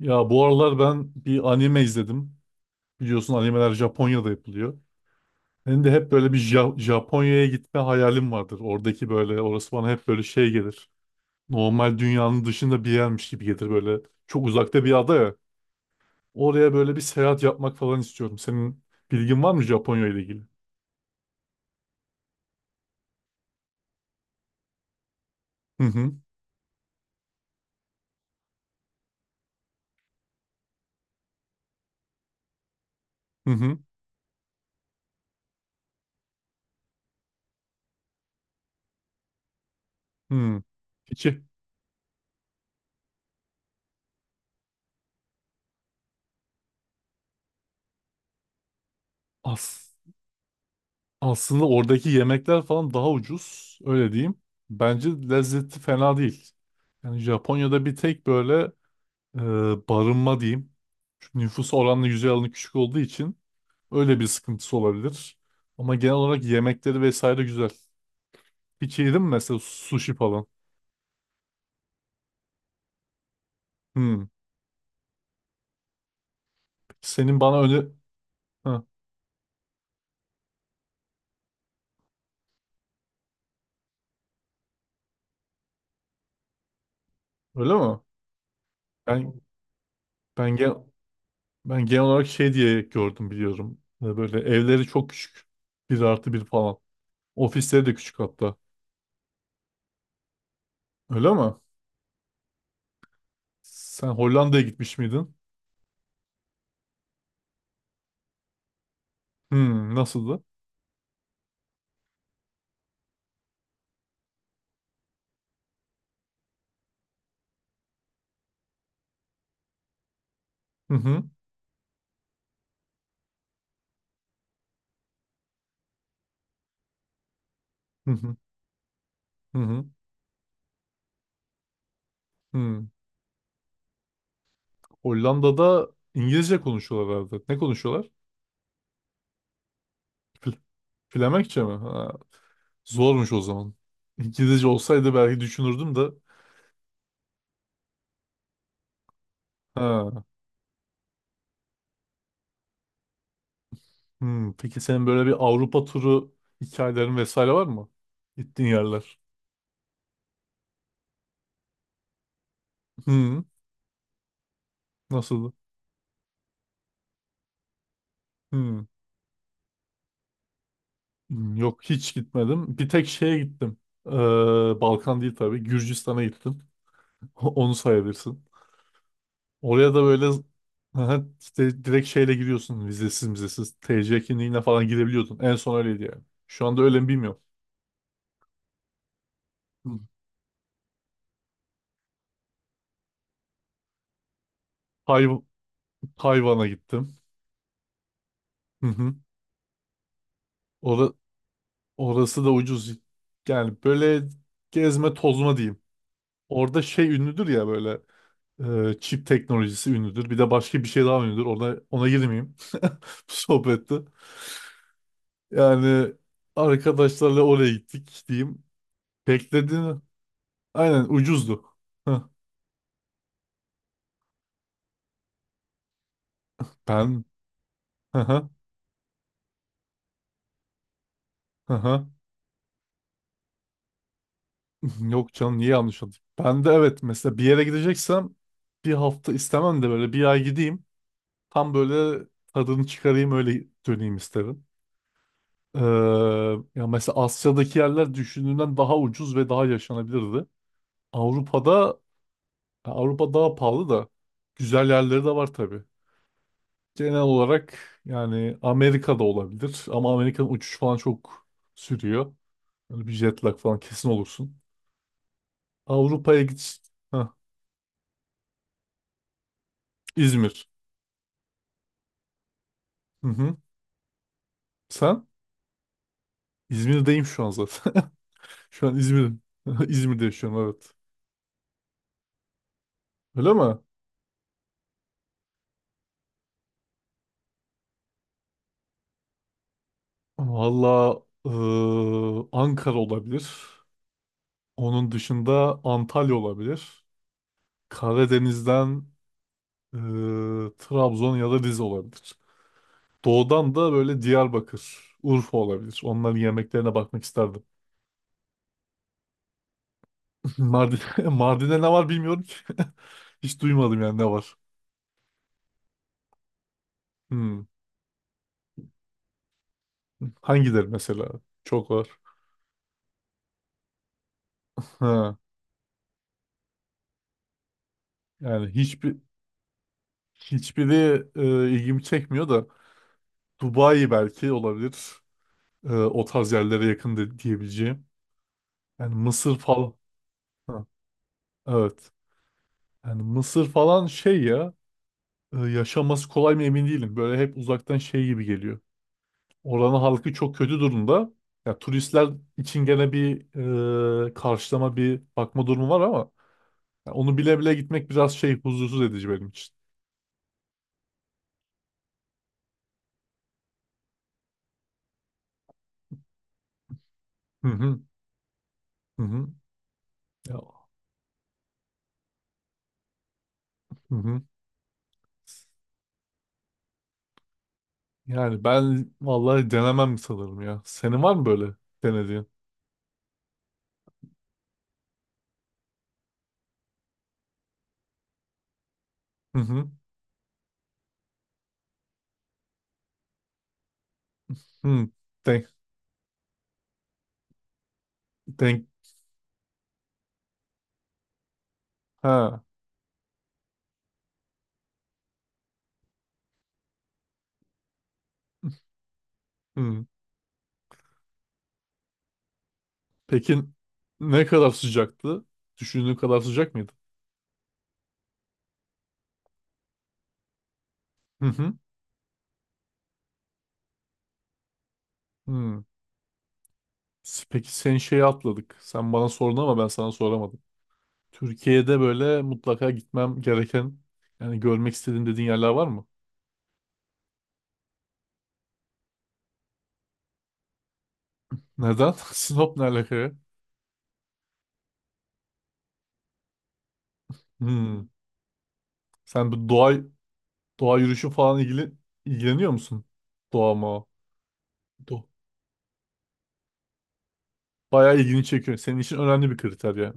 Ya bu aralar ben bir anime izledim. Biliyorsun animeler Japonya'da yapılıyor. Benim de hep böyle bir Japonya'ya gitme hayalim vardır. Oradaki böyle orası bana hep böyle şey gelir. Normal dünyanın dışında bir yermiş gibi gelir böyle. Çok uzakta bir ada ya. Oraya böyle bir seyahat yapmak falan istiyorum. Senin bilgin var mı Japonya ile ilgili? Hı hı. Hı hı. Hı. İki. As aslında oradaki yemekler falan daha ucuz. Öyle diyeyim. Bence lezzeti fena değil. Yani Japonya'da bir tek böyle e, barınma diyeyim. Çünkü nüfus oranla yüzey alanı küçük olduğu için öyle bir sıkıntısı olabilir. Ama genel olarak yemekleri vesaire güzel. Hiç yedin mi mesela sushi falan? Hmm. Peki senin bana öyle... Ha, öyle mi? Ben, ben, gen- Ben genel olarak şey diye gördüm biliyorum. Böyle evleri çok küçük. Bir artı bir falan. Ofisleri de küçük hatta. Öyle mi? Sen Hollanda'ya gitmiş miydin? Hmm, nasıldı? Hı hı. Hı hı. Hı hı. Hı. Hollanda'da İngilizce konuşuyorlar herhalde. Ne konuşuyorlar? Fl- Flemenkçe mi? Ha, zormuş o zaman. İngilizce olsaydı belki düşünürdüm de. Ha, hmm. Peki senin böyle bir Avrupa turu hikayelerin vesaire var mı? Gittiğin yerler. Hmm. Nasıldı? Hmm. Hmm, yok hiç gitmedim. Bir tek şeye gittim. Ee, Balkan değil tabii. Gürcistan'a gittim. Onu sayabilirsin. Oraya da böyle aha, işte direkt şeyle giriyorsun vizesiz vizesiz. TC kimliğine falan girebiliyordun. En son öyleydi yani. Şu anda öyle mi bilmiyorum. Hı. Tay- Tayvan'a gittim. Hı hı. Ora- Orası da ucuz. Yani böyle gezme tozma diyeyim. Orada şey ünlüdür ya böyle çip teknolojisi ünlüdür. Bir de başka bir şey daha ünlüdür. Ona girmeyeyim. Bu sohbette. Yani arkadaşlarla oraya gittik diyeyim. Beklediğini aynen ucuzdu. Heh, ben hı hı, hı hı. Yok canım niye yanlış oldu? Ben de evet mesela bir yere gideceksem bir hafta istemem de böyle bir ay gideyim. Tam böyle tadını çıkarayım öyle döneyim isterim. Ee, Ya mesela Asya'daki yerler düşündüğümden daha ucuz ve daha yaşanabilirdi. Avrupa'da Avrupa daha pahalı da güzel yerleri de var tabii. Genel olarak yani Amerika'da olabilir ama Amerika'nın uçuş falan çok sürüyor. Böyle bir jet lag falan kesin olursun. Avrupa'ya git. İzmir. Hı hı. Sen? İzmir'deyim şu an zaten. Şu an İzmir'im. İzmir'de yaşıyorum evet. Öyle mi? Valla Ankara olabilir. Onun dışında Antalya olabilir. Karadeniz'den eee, Trabzon ya da Rize olabilir. Doğudan da böyle Diyarbakır, Urfa olabilir. Onların yemeklerine bakmak isterdim. Mardin, Mardin'de ne var bilmiyorum ki. Hiç duymadım yani ne var. Hmm. Hangileri mesela? Çok var. Ha. Yani hiçbir Hiçbiri ilgimi çekmiyor da Dubai belki olabilir. E, o tarz yerlere yakın, diyebileceğim. Yani Mısır falan. Ha, evet. Yani Mısır falan şey ya yaşaması kolay mı emin değilim. Böyle hep uzaktan şey gibi geliyor. Oranın halkı çok kötü durumda. Ya turistler için gene bir karşılama bir bakma durumu var ama ya onu bile bile gitmek biraz şey huzursuz edici benim için. Hı hı. Hı hı. Ya, hı hı. Yani ben vallahi denemem sanırım ya. Senin var mı böyle denediğin? Hı hı. Hı. Denk, denk. Ha. Hı. Peki ne kadar sıcaktı? Düşündüğün kadar sıcak mıydı? Hı hı. Hı. Peki sen şeyi atladık. Sen bana sordun ama ben sana soramadım. Türkiye'de böyle mutlaka gitmem gereken yani görmek istediğin dediğin yerler var mı? Neden? Sinop ne alaka ya? Hı. Sen bu doğa yürüyüşü falan ilgili ilgileniyor musun? Doğa mı? Bayağı ilgini çekiyor. Senin için önemli bir kriter ya.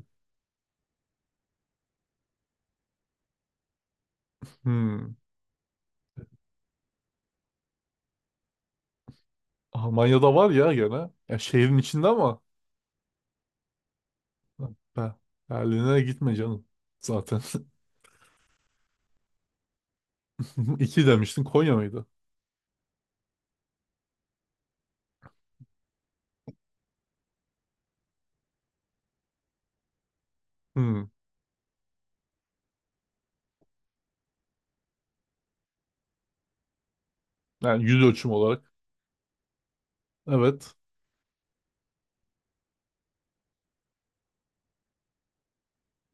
Hmm. Almanya'da var ya gene. Ya şehrin içinde ama Be- Berlin'e gitme canım. Zaten. İki demiştin Konya mıydı? Hmm. Yani yüz ölçüm olarak. Evet.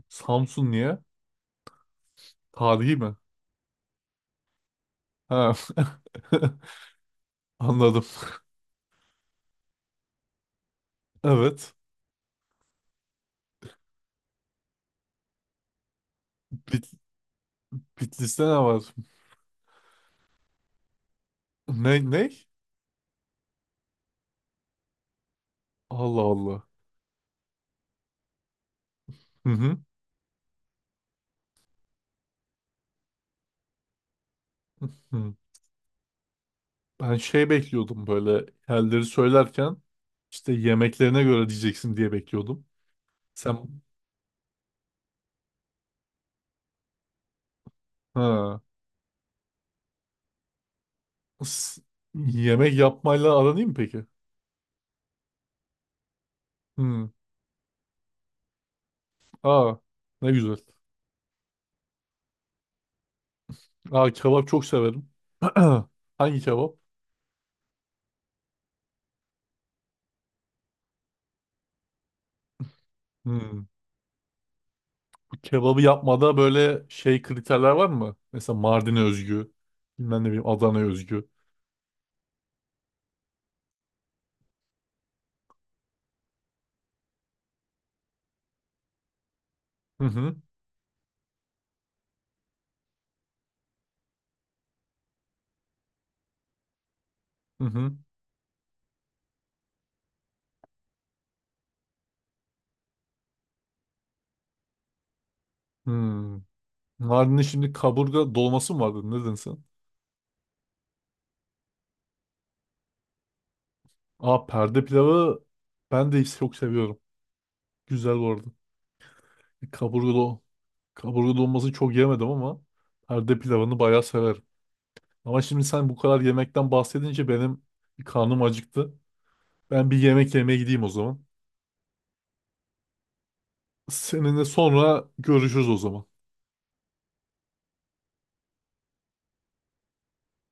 Samsun niye? Tarihi mi? Ha. Anladım. Evet. Bit Bitlis'te ne var? Ne? Ne? Allah Allah. Hı hı. Hı. Ben şey bekliyordum böyle yerleri söylerken işte yemeklerine göre diyeceksin diye bekliyordum. Sen ha. S- Yemek yapmayla aran iyi mi peki? Hmm. Aa, ne güzel. Aa, kebap çok severim. Hangi kebap? Hmm. Bu kebabı yapmada böyle şey kriterler var mı? Mesela Mardin'e özgü, bilmem ne bileyim Adana'ya özgü. Hı hı, hı hı. Hmm. Mardin'in şimdi kaburga dolması mı vardı? Ne dedin sen? Aa, perde pilavı ben de çok seviyorum. Güzel bu arada. E, Kaburga, do Kaburga dolmasını çok yemedim ama perde pilavını bayağı severim. Ama şimdi sen bu kadar yemekten bahsedince benim bir karnım acıktı. Ben bir yemek yemeye gideyim o zaman. Seninle sonra görüşürüz o zaman.